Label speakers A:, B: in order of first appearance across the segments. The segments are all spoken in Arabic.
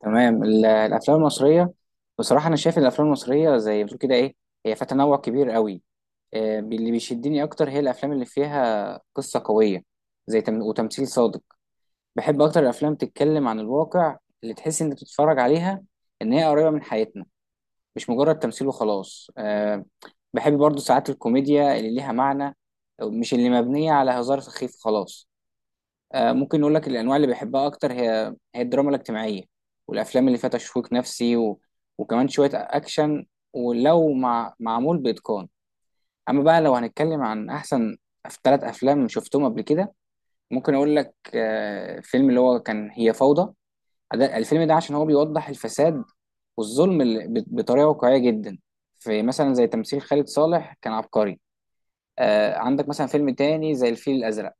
A: تمام. الافلام المصريه، بصراحه انا شايف ان الافلام المصريه زي ما بتقول كده ايه، هي فيها تنوع كبير قوي. اللي بيشدني اكتر هي الافلام اللي فيها قصه قويه، زي وتمثيل صادق. بحب اكتر الافلام تتكلم عن الواقع، اللي تحس انت بتتفرج عليها ان هي قريبه من حياتنا، مش مجرد تمثيل وخلاص. بحب برضو ساعات الكوميديا اللي ليها معنى، مش اللي مبنيه على هزار سخيف خلاص. ممكن نقول لك الانواع اللي بيحبها اكتر، هي الدراما الاجتماعيه، والافلام اللي فيها تشويق نفسي وكمان شويه اكشن، ولو معمول باتقان. اما بقى لو هنتكلم عن احسن ثلاث افلام شفتهم قبل كده، ممكن اقول لك فيلم اللي هو كان هي فوضى. الفيلم ده عشان هو بيوضح الفساد والظلم بطريقه واقعيه جدا. في مثلا زي تمثيل خالد صالح كان عبقري. عندك مثلا فيلم تاني زي الفيل الازرق.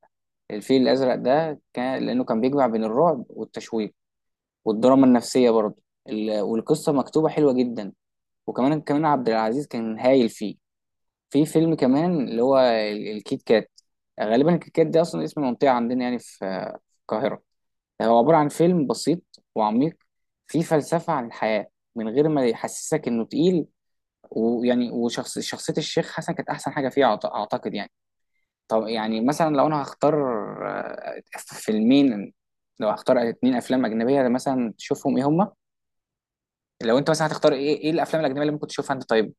A: الفيل الازرق ده كان لانه كان بيجمع بين الرعب والتشويق والدراما النفسيه برضه، والقصه مكتوبه حلوه جدا. وكمان كمان عبد العزيز كان هايل فيه. في فيلم كمان اللي هو الكيت كات. غالبا الكيت كات ده اصلا اسم منطقه عندنا، يعني في القاهره. هو عباره عن فيلم بسيط وعميق، فيه فلسفه عن الحياه من غير ما يحسسك انه تقيل. ويعني وشخص شخصيه الشيخ حسن كانت احسن حاجه فيه، اعتقد يعني. طب يعني مثلا لو انا هختار فيلمين، لو هختار اتنين افلام اجنبيه مثلا تشوفهم ايه هما؟ لو انت مثلا هتختار، ايه الافلام الاجنبيه اللي ممكن تشوفها انت؟ طيب.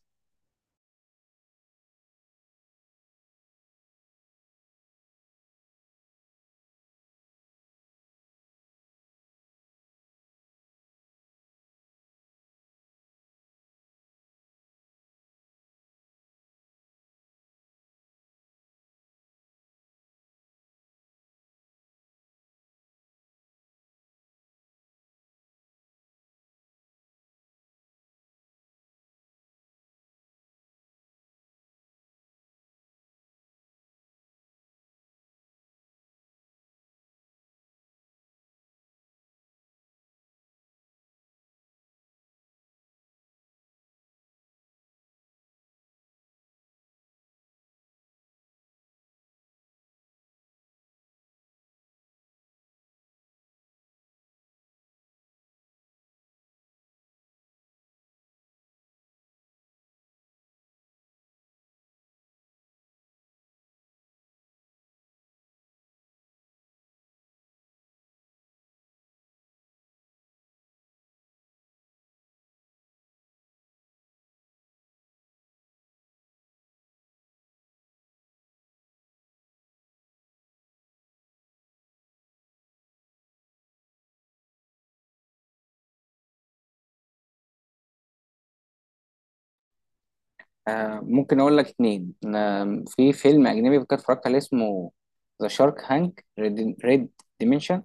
A: ممكن اقول لك اتنين. في فيلم اجنبي كنت اتفرجت عليه، اسمه ذا شارك هانك ريد ديمنشن.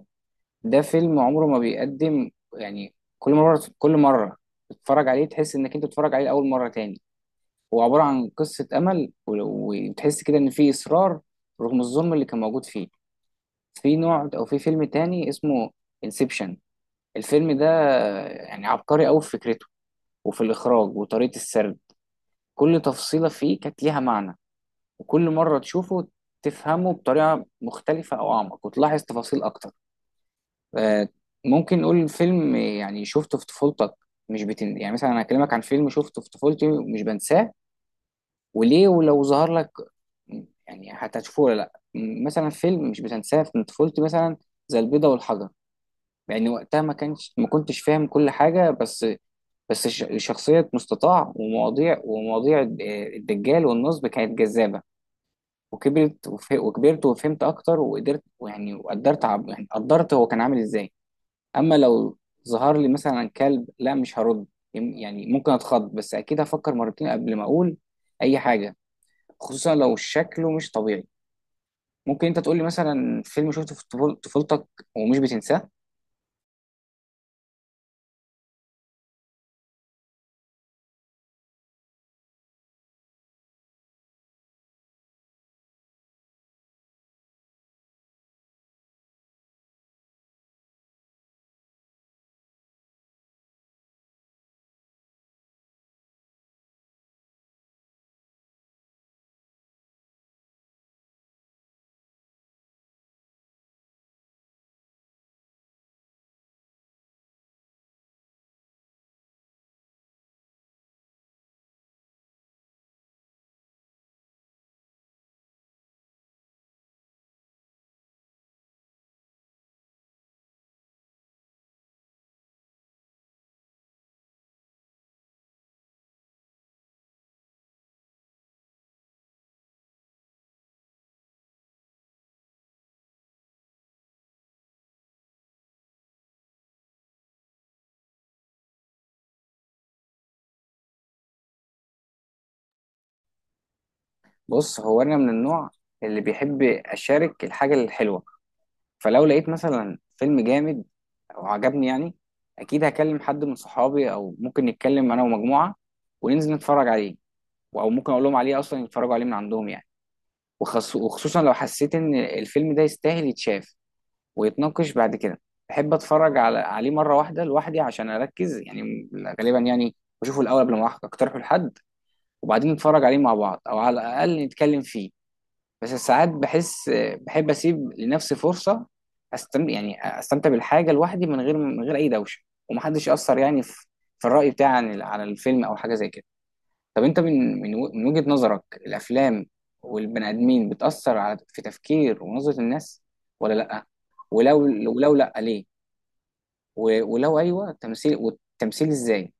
A: ده فيلم عمره ما بيقدم، يعني كل مره كل مره تتفرج عليه تحس انك انت بتتفرج عليه لاول مره تاني. هو عباره عن قصه امل وتحس كده ان في اصرار رغم الظلم اللي كان موجود فيه. في نوع او في فيلم تاني اسمه انسبشن. الفيلم ده يعني عبقري قوي في فكرته، وفي الاخراج وطريقه السرد. كل تفصيله فيه كانت ليها معنى، وكل مره تشوفه تفهمه بطريقه مختلفه او اعمق، وتلاحظ تفاصيل اكتر. آه، ممكن نقول الفيلم يعني شفته في طفولتك. مش بتن... يعني مثلا انا هكلمك عن فيلم شفته في طفولتي مش بنساه، وليه؟ ولو ظهر لك يعني هتشوفه ولا لا؟ مثلا فيلم مش بتنساه من طفولتي مثلا زي البيضة والحجر، لان وقتها ما كنتش فاهم كل حاجه. بس شخصيه مستطاع ومواضيع الدجال والنصب كانت جذابه. وكبرت وكبرت وفهمت اكتر، وقدرت، ويعني يعني قدرت هو كان عامل ازاي. اما لو ظهر لي مثلا كلب، لا مش هرد. يعني ممكن اتخض، بس اكيد هفكر مرتين قبل ما اقول اي حاجه، خصوصا لو شكله مش طبيعي. ممكن انت تقول لي مثلا فيلم شفته في طفولتك ومش بتنساه؟ بص، هو انا من النوع اللي بيحب اشارك الحاجه الحلوه. فلو لقيت مثلا فيلم جامد او عجبني يعني، اكيد هكلم حد من صحابي، او ممكن نتكلم انا ومجموعه وننزل نتفرج عليه. او ممكن اقول لهم عليه اصلا يتفرجوا عليه من عندهم يعني. وخصوصا لو حسيت ان الفيلم ده يستاهل يتشاف ويتناقش بعد كده. بحب اتفرج على عليه مره واحده لوحدي عشان اركز يعني، غالبا يعني بشوفه الاول قبل ما اقترحه لحد، وبعدين نتفرج عليه مع بعض، او على الاقل نتكلم فيه. بس ساعات بحس، بحب اسيب لنفسي فرصه استمتع، يعني استمتع بالحاجه لوحدي، من غير اي دوشه، ومحدش ياثر يعني في في الراي بتاعي عن عن الفيلم او حاجه زي كده. طب انت من وجهه نظرك، الافلام والبني ادمين بتاثر على في تفكير ونظره الناس ولا لا؟ ولو ولو لا، ليه؟ ولو ايوه، التمثيل ازاي؟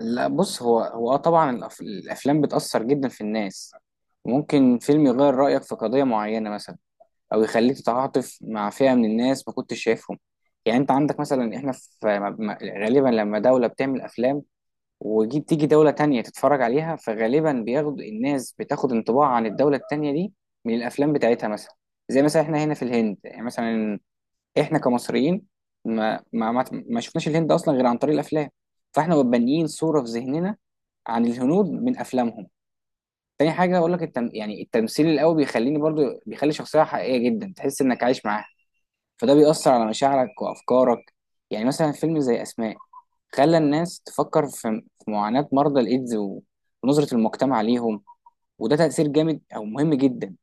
A: لا بص، هو طبعا الافلام بتاثر جدا في الناس. ممكن فيلم يغير رايك في قضيه معينه مثلا، او يخليك تتعاطف مع فئه من الناس ما كنتش شايفهم. يعني انت عندك مثلا احنا في غالبا لما دوله بتعمل افلام، وتيجي دوله تانية تتفرج عليها، فغالبا الناس بتاخد انطباع عن الدوله التانية دي من الافلام بتاعتها مثلا. زي مثلا احنا هنا في الهند، يعني مثلا احنا كمصريين ما شفناش الهند اصلا غير عن طريق الافلام. فاحنا بنيين صوره في ذهننا عن الهنود من افلامهم. تاني حاجه اقول لك، يعني التمثيل القوي بيخليني برضو، بيخلي شخصيه حقيقيه جدا تحس انك عايش معاها، فده بيأثر على مشاعرك وأفكارك. يعني مثلا فيلم زي أسماء خلى الناس تفكر في معاناة مرضى الإيدز ونظرة المجتمع ليهم. وده تأثير جامد أو مهم جدا.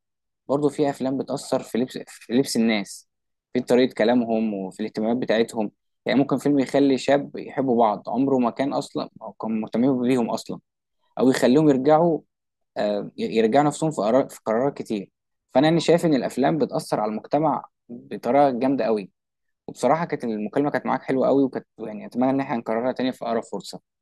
A: برضه في أفلام بتأثر في لبس الناس، في طريقة كلامهم، وفي الاهتمامات بتاعتهم. يعني ممكن فيلم يخلي شاب يحبوا بعض عمره ما كان أصلا، أو كان مهتمين بيهم أصلا. أو يخليهم يرجعوا يرجعوا نفسهم في في قرارات كتير. فأنا يعني شايف إن الأفلام بتأثر على المجتمع بطريقة جامدة قوي. وبصراحة المكالمة كانت معاك حلوة قوي، وكانت يعني أتمنى إن احنا نكررها تاني في أقرب فرصة.